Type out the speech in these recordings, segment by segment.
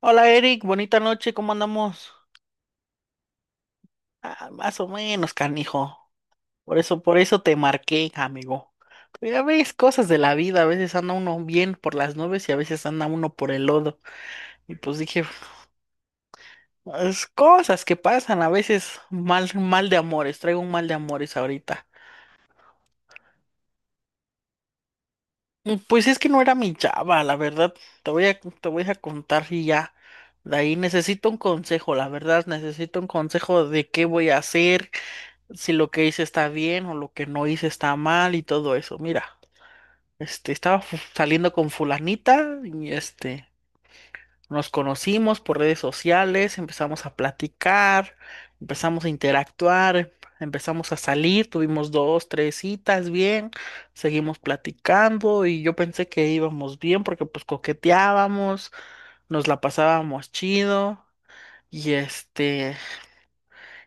Hola Eric, bonita noche, ¿cómo andamos? Ah, más o menos, canijo. Por eso te marqué, amigo. Ya ves, cosas de la vida, a veces anda uno bien por las nubes y a veces anda uno por el lodo. Y pues dije, es cosas que pasan, a veces mal, mal de amores, traigo un mal de amores ahorita. Mm, pues es que no era mi chava, la verdad. Te voy a contar y ya. De ahí necesito un consejo, la verdad, necesito un consejo de qué voy a hacer si lo que hice está bien o lo que no hice está mal y todo eso. Mira, estaba saliendo con fulanita y nos conocimos por redes sociales, empezamos a platicar, empezamos a interactuar, empezamos a salir, tuvimos dos, tres citas bien, seguimos platicando y yo pensé que íbamos bien porque pues coqueteábamos, nos la pasábamos chido. Y este,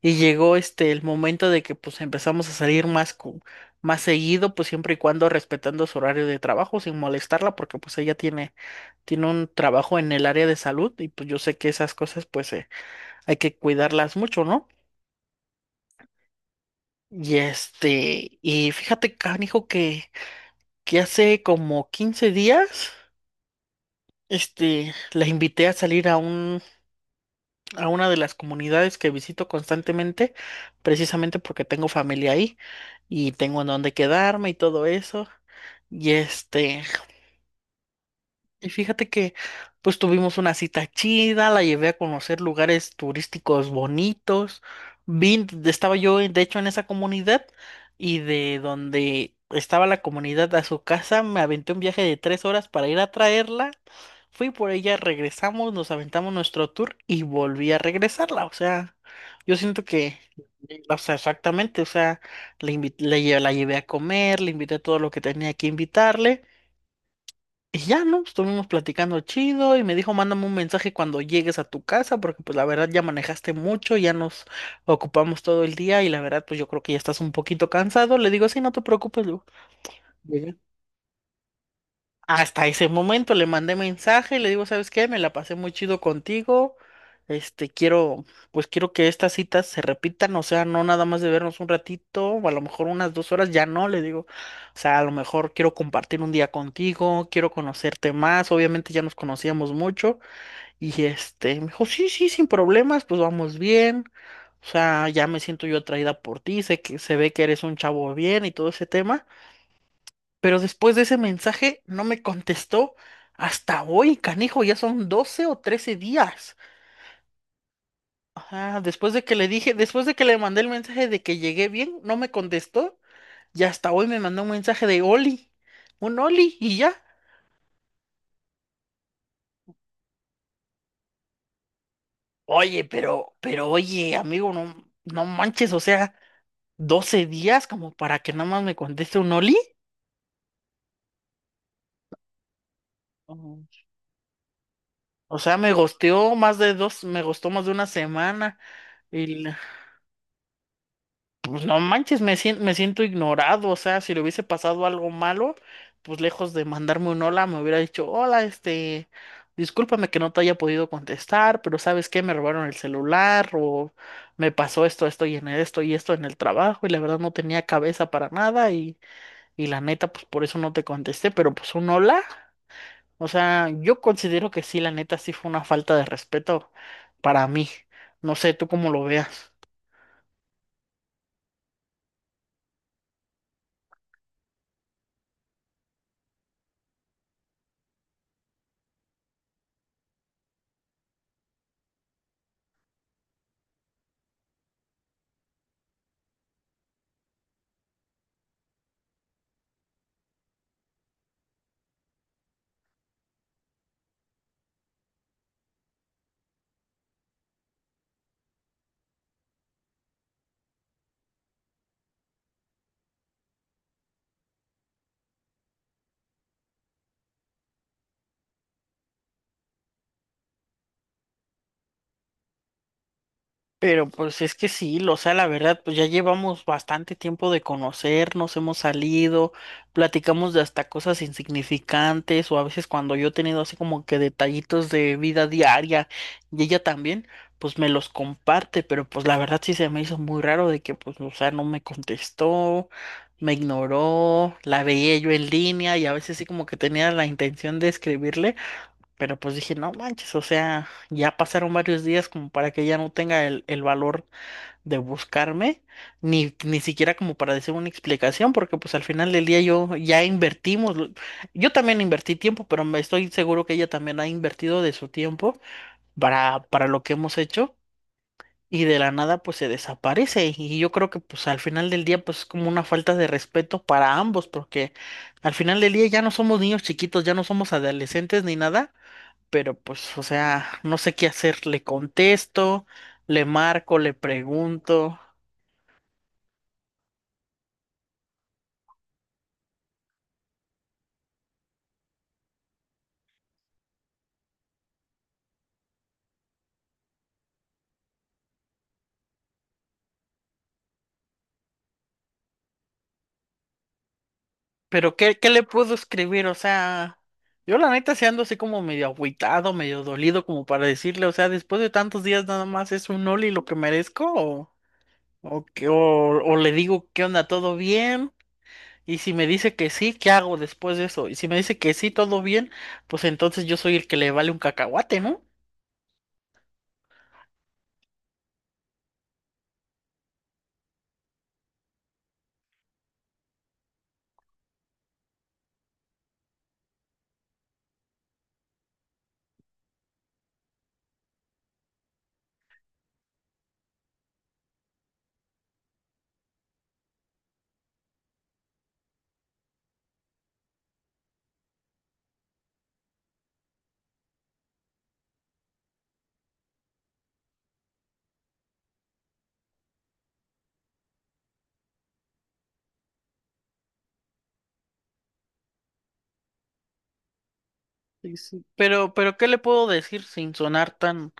y llegó el momento de que pues empezamos a salir más seguido, pues siempre y cuando respetando su horario de trabajo, sin molestarla, porque pues ella tiene un trabajo en el área de salud, y pues yo sé que esas cosas pues hay que cuidarlas mucho, ¿no? Y fíjate, canijo, que hace como 15 días, la invité a salir a un a una de las comunidades que visito constantemente, precisamente porque tengo familia ahí y tengo en dónde quedarme y todo eso. Y este, y fíjate que pues tuvimos una cita chida, la llevé a conocer lugares turísticos bonitos. Estaba yo de hecho en esa comunidad y de donde estaba la comunidad a su casa me aventé un viaje de 3 horas para ir a traerla. Fui por ella, regresamos, nos aventamos nuestro tour y volví a regresarla. O sea, yo siento que, o sea, exactamente, o sea, le invi- le lle- la llevé a comer, le invité todo lo que tenía que invitarle. Y ya, ¿no? Estuvimos platicando chido y me dijo, mándame un mensaje cuando llegues a tu casa, porque pues la verdad ya manejaste mucho, ya nos ocupamos todo el día y la verdad pues yo creo que ya estás un poquito cansado. Le digo, sí, no te preocupes, Lu. Hasta ese momento le mandé mensaje, le digo, ¿sabes qué? Me la pasé muy chido contigo. Este, quiero, pues quiero que estas citas se repitan, o sea, no nada más de vernos un ratito, o a lo mejor unas 2 horas, ya no, le digo. O sea, a lo mejor quiero compartir un día contigo, quiero conocerte más, obviamente ya nos conocíamos mucho. Me dijo, sí, sí, sin problemas, pues vamos bien. O sea, ya me siento yo atraída por ti, sé que se ve que eres un chavo bien y todo ese tema. Pero después de ese mensaje no me contestó hasta hoy, canijo, ya son 12 o 13 días. Ajá, después de que le dije, después de que le mandé el mensaje de que llegué bien, no me contestó, y hasta hoy me mandó un mensaje de Oli, un Oli y ya. Oye, pero oye, amigo, no, no manches, o sea, 12 días como para que nada más me conteste un Oli. Ujú. O sea, me gosteó más de dos, me gustó más de una semana. Y pues no manches, me siento ignorado, o sea, si le hubiese pasado algo malo, pues lejos de mandarme un hola, me hubiera dicho, hola, discúlpame que no te haya podido contestar, pero ¿sabes qué? Me robaron el celular o me pasó esto, esto y en esto y esto en el trabajo y la verdad no tenía cabeza para nada, y la neta, pues por eso no te contesté, pero pues un hola, o sea, yo considero que sí, la neta sí fue una falta de respeto para mí, no sé, tú cómo lo veas. Pero pues es que sí, o sea, la verdad, pues ya llevamos bastante tiempo de conocernos, hemos salido, platicamos de hasta cosas insignificantes o a veces cuando yo he tenido así como que detallitos de vida diaria y ella también, pues me los comparte, pero pues la verdad sí se me hizo muy raro de que pues, o sea, no me contestó, me ignoró, la veía yo en línea y a veces sí como que tenía la intención de escribirle. Pero pues dije, no manches, o sea, ya pasaron varios días como para que ella no tenga el valor de buscarme, ni siquiera como para decir una explicación, porque pues al final del día yo ya invertimos, yo también invertí tiempo, pero me estoy seguro que ella también ha invertido de su tiempo para lo que hemos hecho, y de la nada pues se desaparece, y yo creo que pues al final del día pues es como una falta de respeto para ambos, porque al final del día ya no somos niños chiquitos, ya no somos adolescentes ni nada, pero pues, o sea, no sé qué hacer. Le contesto, le marco, le pregunto, pero ¿qué le puedo escribir? O sea, yo la neta se ando así como medio agüitado, medio dolido, como para decirle, o sea, después de tantos días nada más es un Oli lo que merezco, o le digo, ¿qué onda? ¿Todo bien? Y si me dice que sí, ¿qué hago después de eso? Y si me dice que sí, todo bien, pues entonces yo soy el que le vale un cacahuate, ¿no? Sí, sí. Pero ¿qué le puedo decir sin sonar tan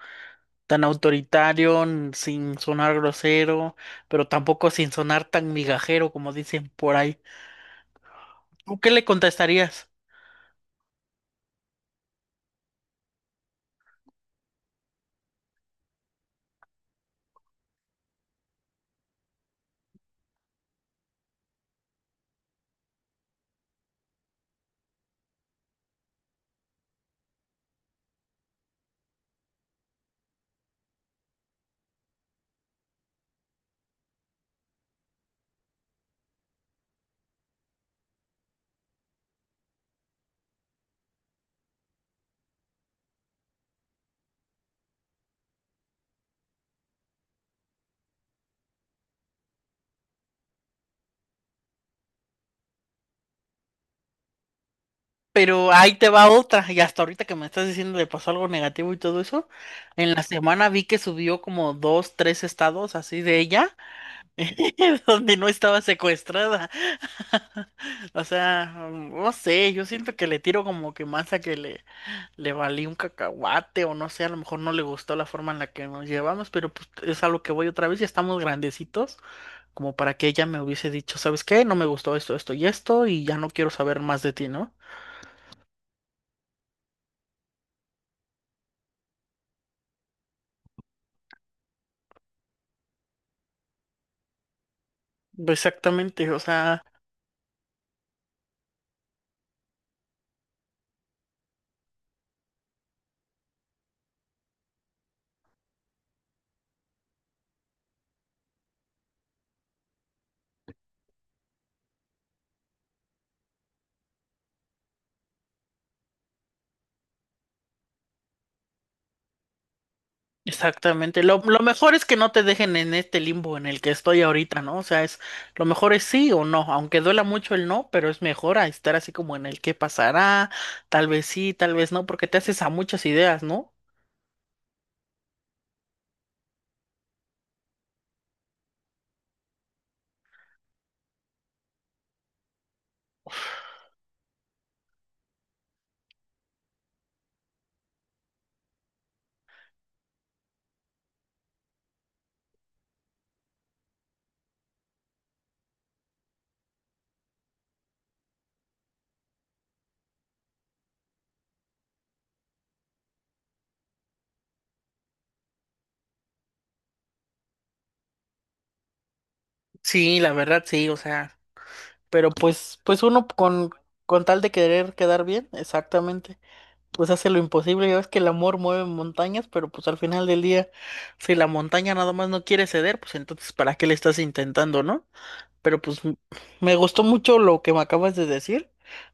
tan autoritario, sin sonar grosero, pero tampoco sin sonar tan migajero como dicen por ahí. ¿Tú qué le contestarías? Pero ahí te va otra, y hasta ahorita que me estás diciendo le pasó algo negativo y todo eso, en la semana vi que subió como dos, tres estados así de ella, donde no estaba secuestrada. O sea, no sé, yo siento que le tiro como que más a que le valí un cacahuate, o no sé, a lo mejor no le gustó la forma en la que nos llevamos, pero pues es a lo que voy, otra vez, ya estamos grandecitos, como para que ella me hubiese dicho, ¿sabes qué? No me gustó esto, esto y esto, y ya no quiero saber más de ti, ¿no? Exactamente, o sea, exactamente. Lo mejor es que no te dejen en este limbo en el que estoy ahorita, ¿no? O sea, es lo mejor es sí o no, aunque duela mucho el no, pero es mejor a estar así como en el qué pasará, tal vez sí, tal vez no, porque te haces a muchas ideas, ¿no? Sí, la verdad, sí, o sea. Pero pues uno, con tal de querer quedar bien, exactamente, pues hace lo imposible. Ya ves que el amor mueve montañas, pero pues al final del día, si la montaña nada más no quiere ceder, pues entonces ¿para qué le estás intentando, no? Pero pues me gustó mucho lo que me acabas de decir.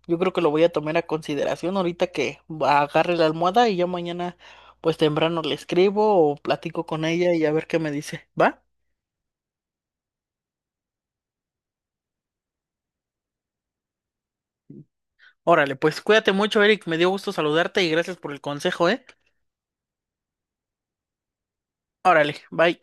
Yo creo que lo voy a tomar a consideración ahorita que agarre la almohada y ya mañana, pues temprano le escribo o platico con ella y a ver qué me dice. ¿Va? Órale, pues cuídate mucho, Eric. Me dio gusto saludarte y gracias por el consejo, ¿eh? Órale, bye.